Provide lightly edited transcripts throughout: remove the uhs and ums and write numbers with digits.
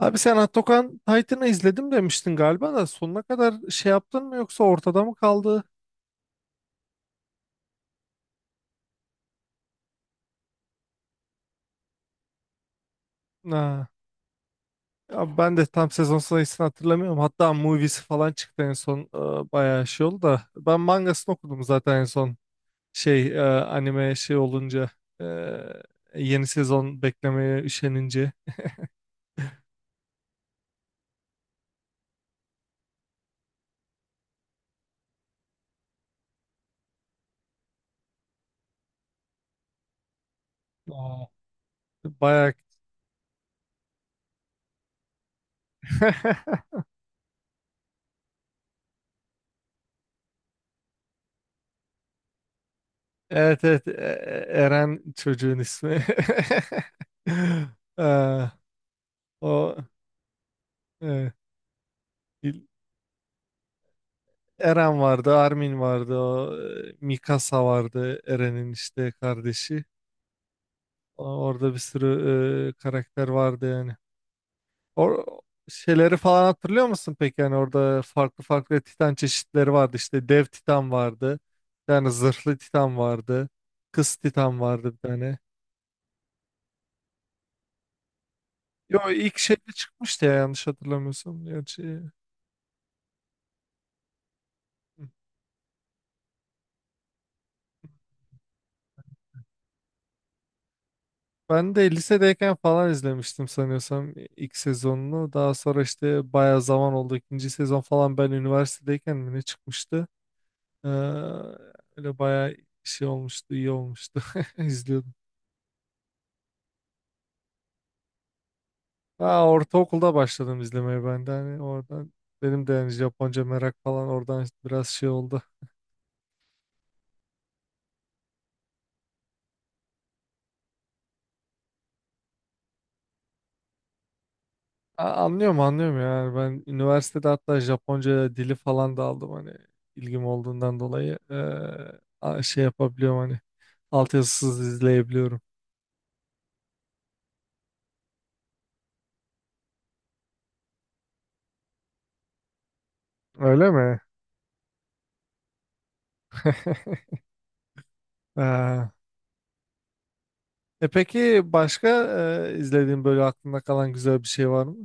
Abi sen Atakan Titan'ı izledim demiştin galiba da sonuna kadar yaptın mı yoksa ortada mı kaldı? Ha. Ya ben de tam sezon sayısını hatırlamıyorum. Hatta moviesi falan çıktı en son. Bayağı oldu da. Ben mangasını okudum zaten en son. Anime olunca e, yeni sezon beklemeye üşenince. Aa. Bayağı Evet evet Eren çocuğun ismi. Ee, o e, il- Eren vardı, Armin vardı, Mikasa vardı, Eren'in işte kardeşi. Orada bir sürü karakter vardı yani. O şeyleri falan hatırlıyor musun peki? Yani orada farklı farklı Titan çeşitleri vardı. İşte dev Titan vardı. Yani zırhlı Titan vardı. Kız Titan vardı bir tane. Yo ilk şeyde çıkmıştı ya yanlış hatırlamıyorsam. Gerçi ben de lisedeyken falan izlemiştim sanıyorsam ilk sezonunu. Daha sonra işte bayağı zaman oldu. İkinci sezon falan ben üniversitedeyken mi ne çıkmıştı? Ee, öyle bayağı olmuştu, iyi olmuştu. İzliyordum. Ha, ortaokulda başladım izlemeye ben de. Hani oradan benim de yani Japonca merak falan oradan biraz oldu. Anlıyorum anlıyorum yani ben üniversitede hatta Japonca dili falan da aldım hani ilgim olduğundan dolayı yapabiliyorum hani altyazısız izleyebiliyorum. Öyle mi? Ha. E peki başka izlediğin böyle aklında kalan güzel bir şey var mı?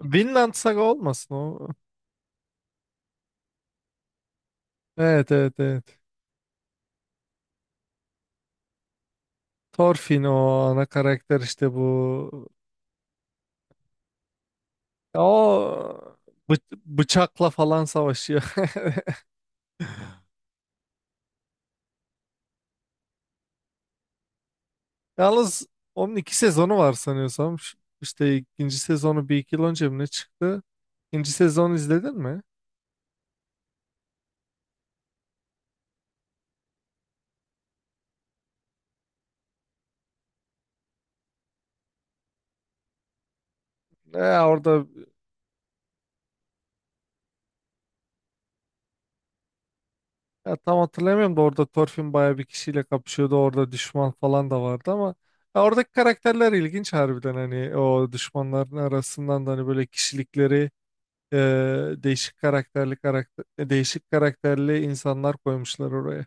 Vinland Saga olmasın o. Evet evet evet. Thorfinn o ana karakter işte bu. O bı- bıçakla falan savaşıyor. Yalnız onun iki sezonu var sanıyorsam. İşte ikinci sezonu bir iki yıl önce mi ne çıktı? İkinci sezonu izledin mi? Orada ya tam hatırlamıyorum da orada Thorfinn bayağı bir kişiyle kapışıyordu. Orada düşman falan da vardı ama ya oradaki karakterler ilginç harbiden hani o düşmanların arasından da hani böyle kişilikleri e, değişik karakterli insanlar koymuşlar oraya.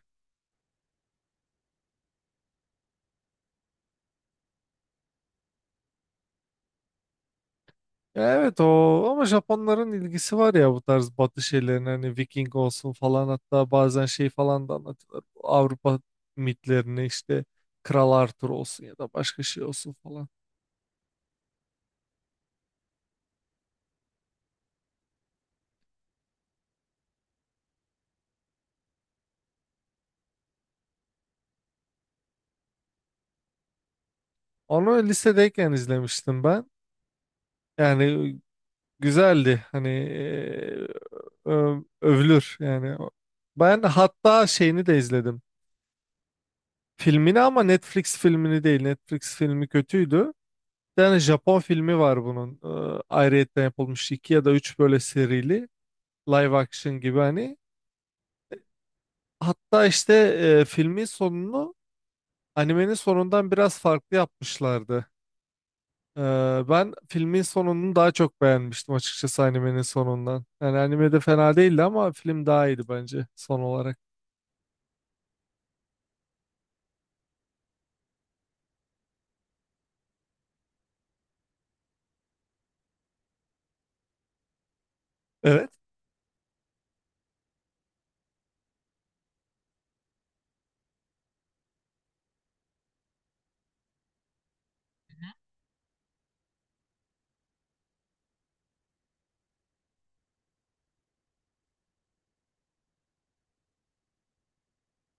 Evet o ama Japonların ilgisi var ya bu tarz batı şeylerine hani Viking olsun falan hatta bazen şey falan da anlatıyorlar. Bu Avrupa mitlerini işte Kral Arthur olsun ya da başka şey olsun falan. Onu lisedeyken izlemiştim ben. Yani güzeldi hani övülür yani. Ben hatta şeyini de izledim. Filmini ama Netflix filmini değil. Netflix filmi kötüydü. Bir tane Japon filmi var bunun. Ayrıyetten yapılmış iki ya da üç böyle serili. Live action gibi hani. Hatta işte filmin sonunu animenin sonundan biraz farklı yapmışlardı. Ee, ben filmin sonunu daha çok beğenmiştim açıkçası animenin sonundan. Yani animede fena değildi ama film daha iyiydi bence son olarak. Evet.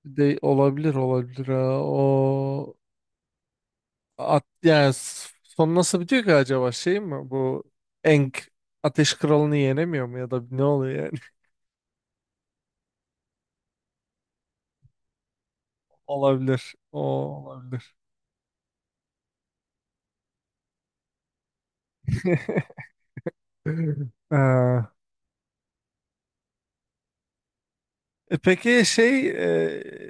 De olabilir olabilir. Ha. Yani son nasıl bitiyor ki acaba şey mi bu Eng Ateş Kralı'nı yenemiyor mu ya da ne oluyor yani? Olabilir. O olabilir. Ee, e peki şey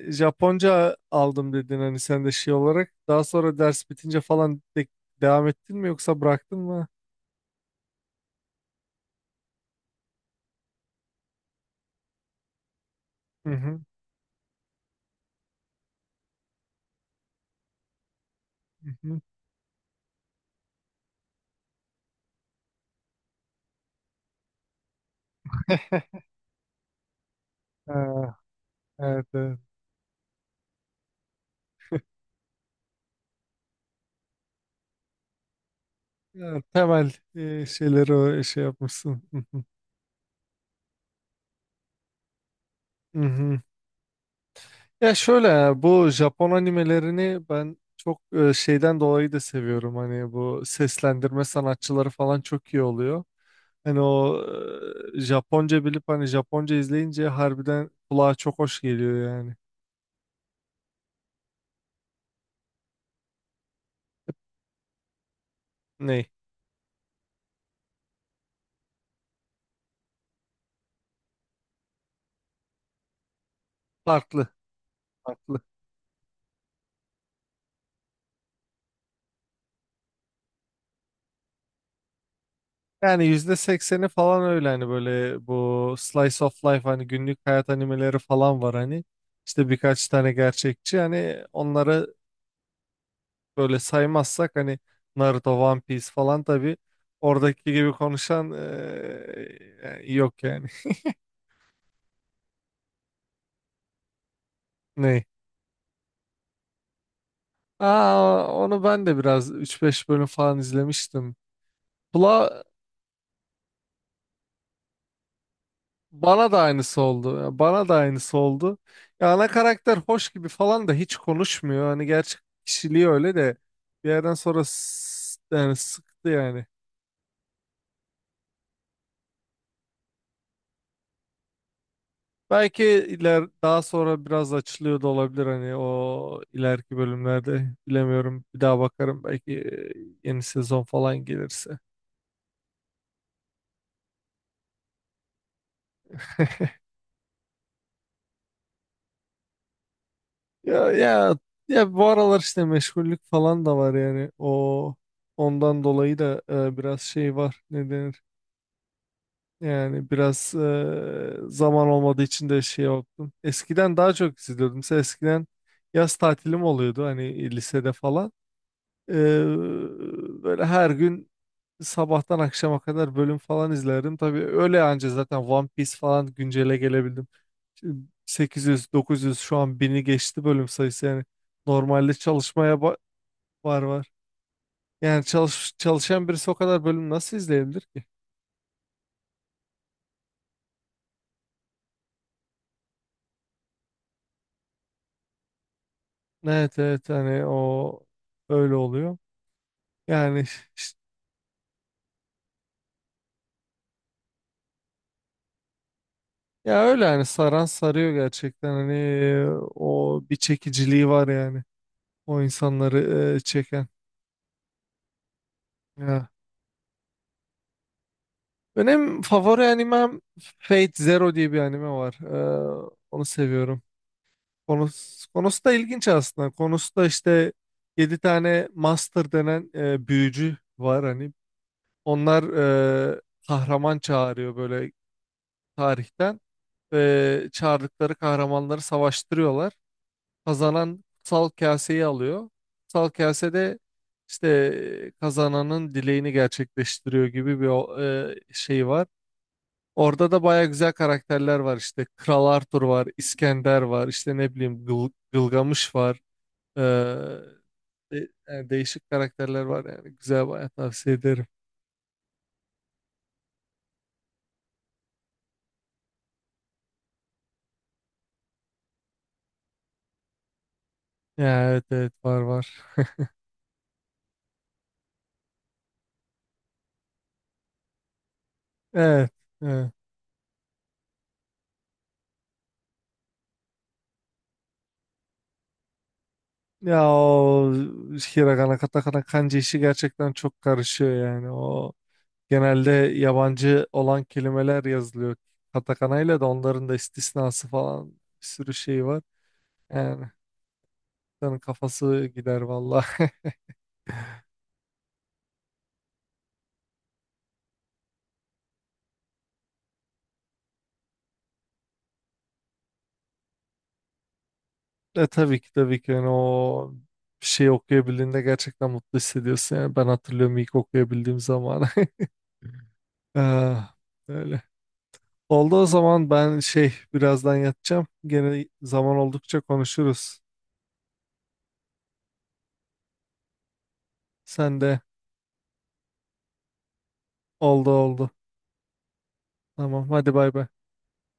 e, Japonca aldım dedin hani sen de şey olarak daha sonra ders bitince falan devam ettin mi yoksa bıraktın mı? Hı hı. Hı hı. Ee, evet, evet. Ya, temel şeyleri yapmışsın. Hı hı. Hı hı. Ya şöyle ya, bu Japon animelerini ben çok şeyden dolayı da seviyorum. Hani bu seslendirme sanatçıları falan çok iyi oluyor. Hani Japonca bilip hani Japonca izleyince harbiden kulağa çok hoş geliyor yani. Ney? Farklı. Farklı. Yani yüzde sekseni falan öyle hani böyle bu slice of life hani günlük hayat animeleri falan var hani. İşte birkaç tane gerçekçi hani onlara böyle saymazsak hani Naruto, One Piece falan tabii oradaki gibi konuşan yani yok yani. Ne? Aa, onu ben de biraz üç beş bölüm falan izlemiştim. Bla, bana da aynısı oldu. Ya bana da aynısı oldu. Ya ana karakter hoş gibi falan da hiç konuşmuyor. Hani gerçek kişiliği öyle de bir yerden sonra yani sıktı yani. Belki iler daha sonra biraz açılıyor da olabilir hani o ileriki bölümlerde bilemiyorum. Bir daha bakarım belki yeni sezon falan gelirse. Ya ya bu aralar işte meşgullük falan da var yani o ondan dolayı da biraz şey var, ne denir? Yani biraz zaman olmadığı için de şey yaptım. Eskiden daha çok izliyordum. Mesela eskiden yaz tatilim oluyordu hani lisede falan. E, böyle her gün sabahtan akşama kadar bölüm falan izlerdim. Tabii öyle anca zaten One Piece falan güncele gelebildim. Şimdi 800, 900 şu an bini geçti bölüm sayısı yani. Normalde var var. Yani çalışan birisi o kadar bölüm nasıl izleyebilir ki? Evet evet hani o öyle oluyor. Yani işte- ya öyle hani saran sarıyor gerçekten hani o bir çekiciliği var yani. O insanları çeken. Benim favori animem Fate Zero diye bir anime var. Onu seviyorum. Konusu da ilginç aslında. Konusu da işte 7 tane master denen büyücü var hani. Onlar e, kahraman çağırıyor böyle tarihten. Ve çağırdıkları kahramanları savaştırıyorlar. Kazanan kutsal kaseyi alıyor. Kutsal kasede işte kazananın dileğini gerçekleştiriyor gibi bir şey var. Orada da baya güzel karakterler var işte. Kral Arthur var, İskender var, işte ne bileyim Gılgamış var. Ee, yani değişik karakterler var yani. Güzel baya tavsiye ederim. Ya, evet evet var var. Evet. Evet. Ya o Hiragana, Katakana, Kanji işi gerçekten çok karışıyor yani. O genelde yabancı olan kelimeler yazılıyor. Katakana ile de onların da istisnası falan bir sürü şey var. Yani insanın kafası gider vallahi. Tabii ki tabii ki yani o bir şey okuyabildiğinde gerçekten mutlu hissediyorsun. Yani ben hatırlıyorum ilk okuyabildiğim zaman. Ah, öyle. Oldu o zaman ben şey birazdan yatacağım. Gene zaman oldukça konuşuruz. Sen de oldu oldu. Tamam hadi bay bay.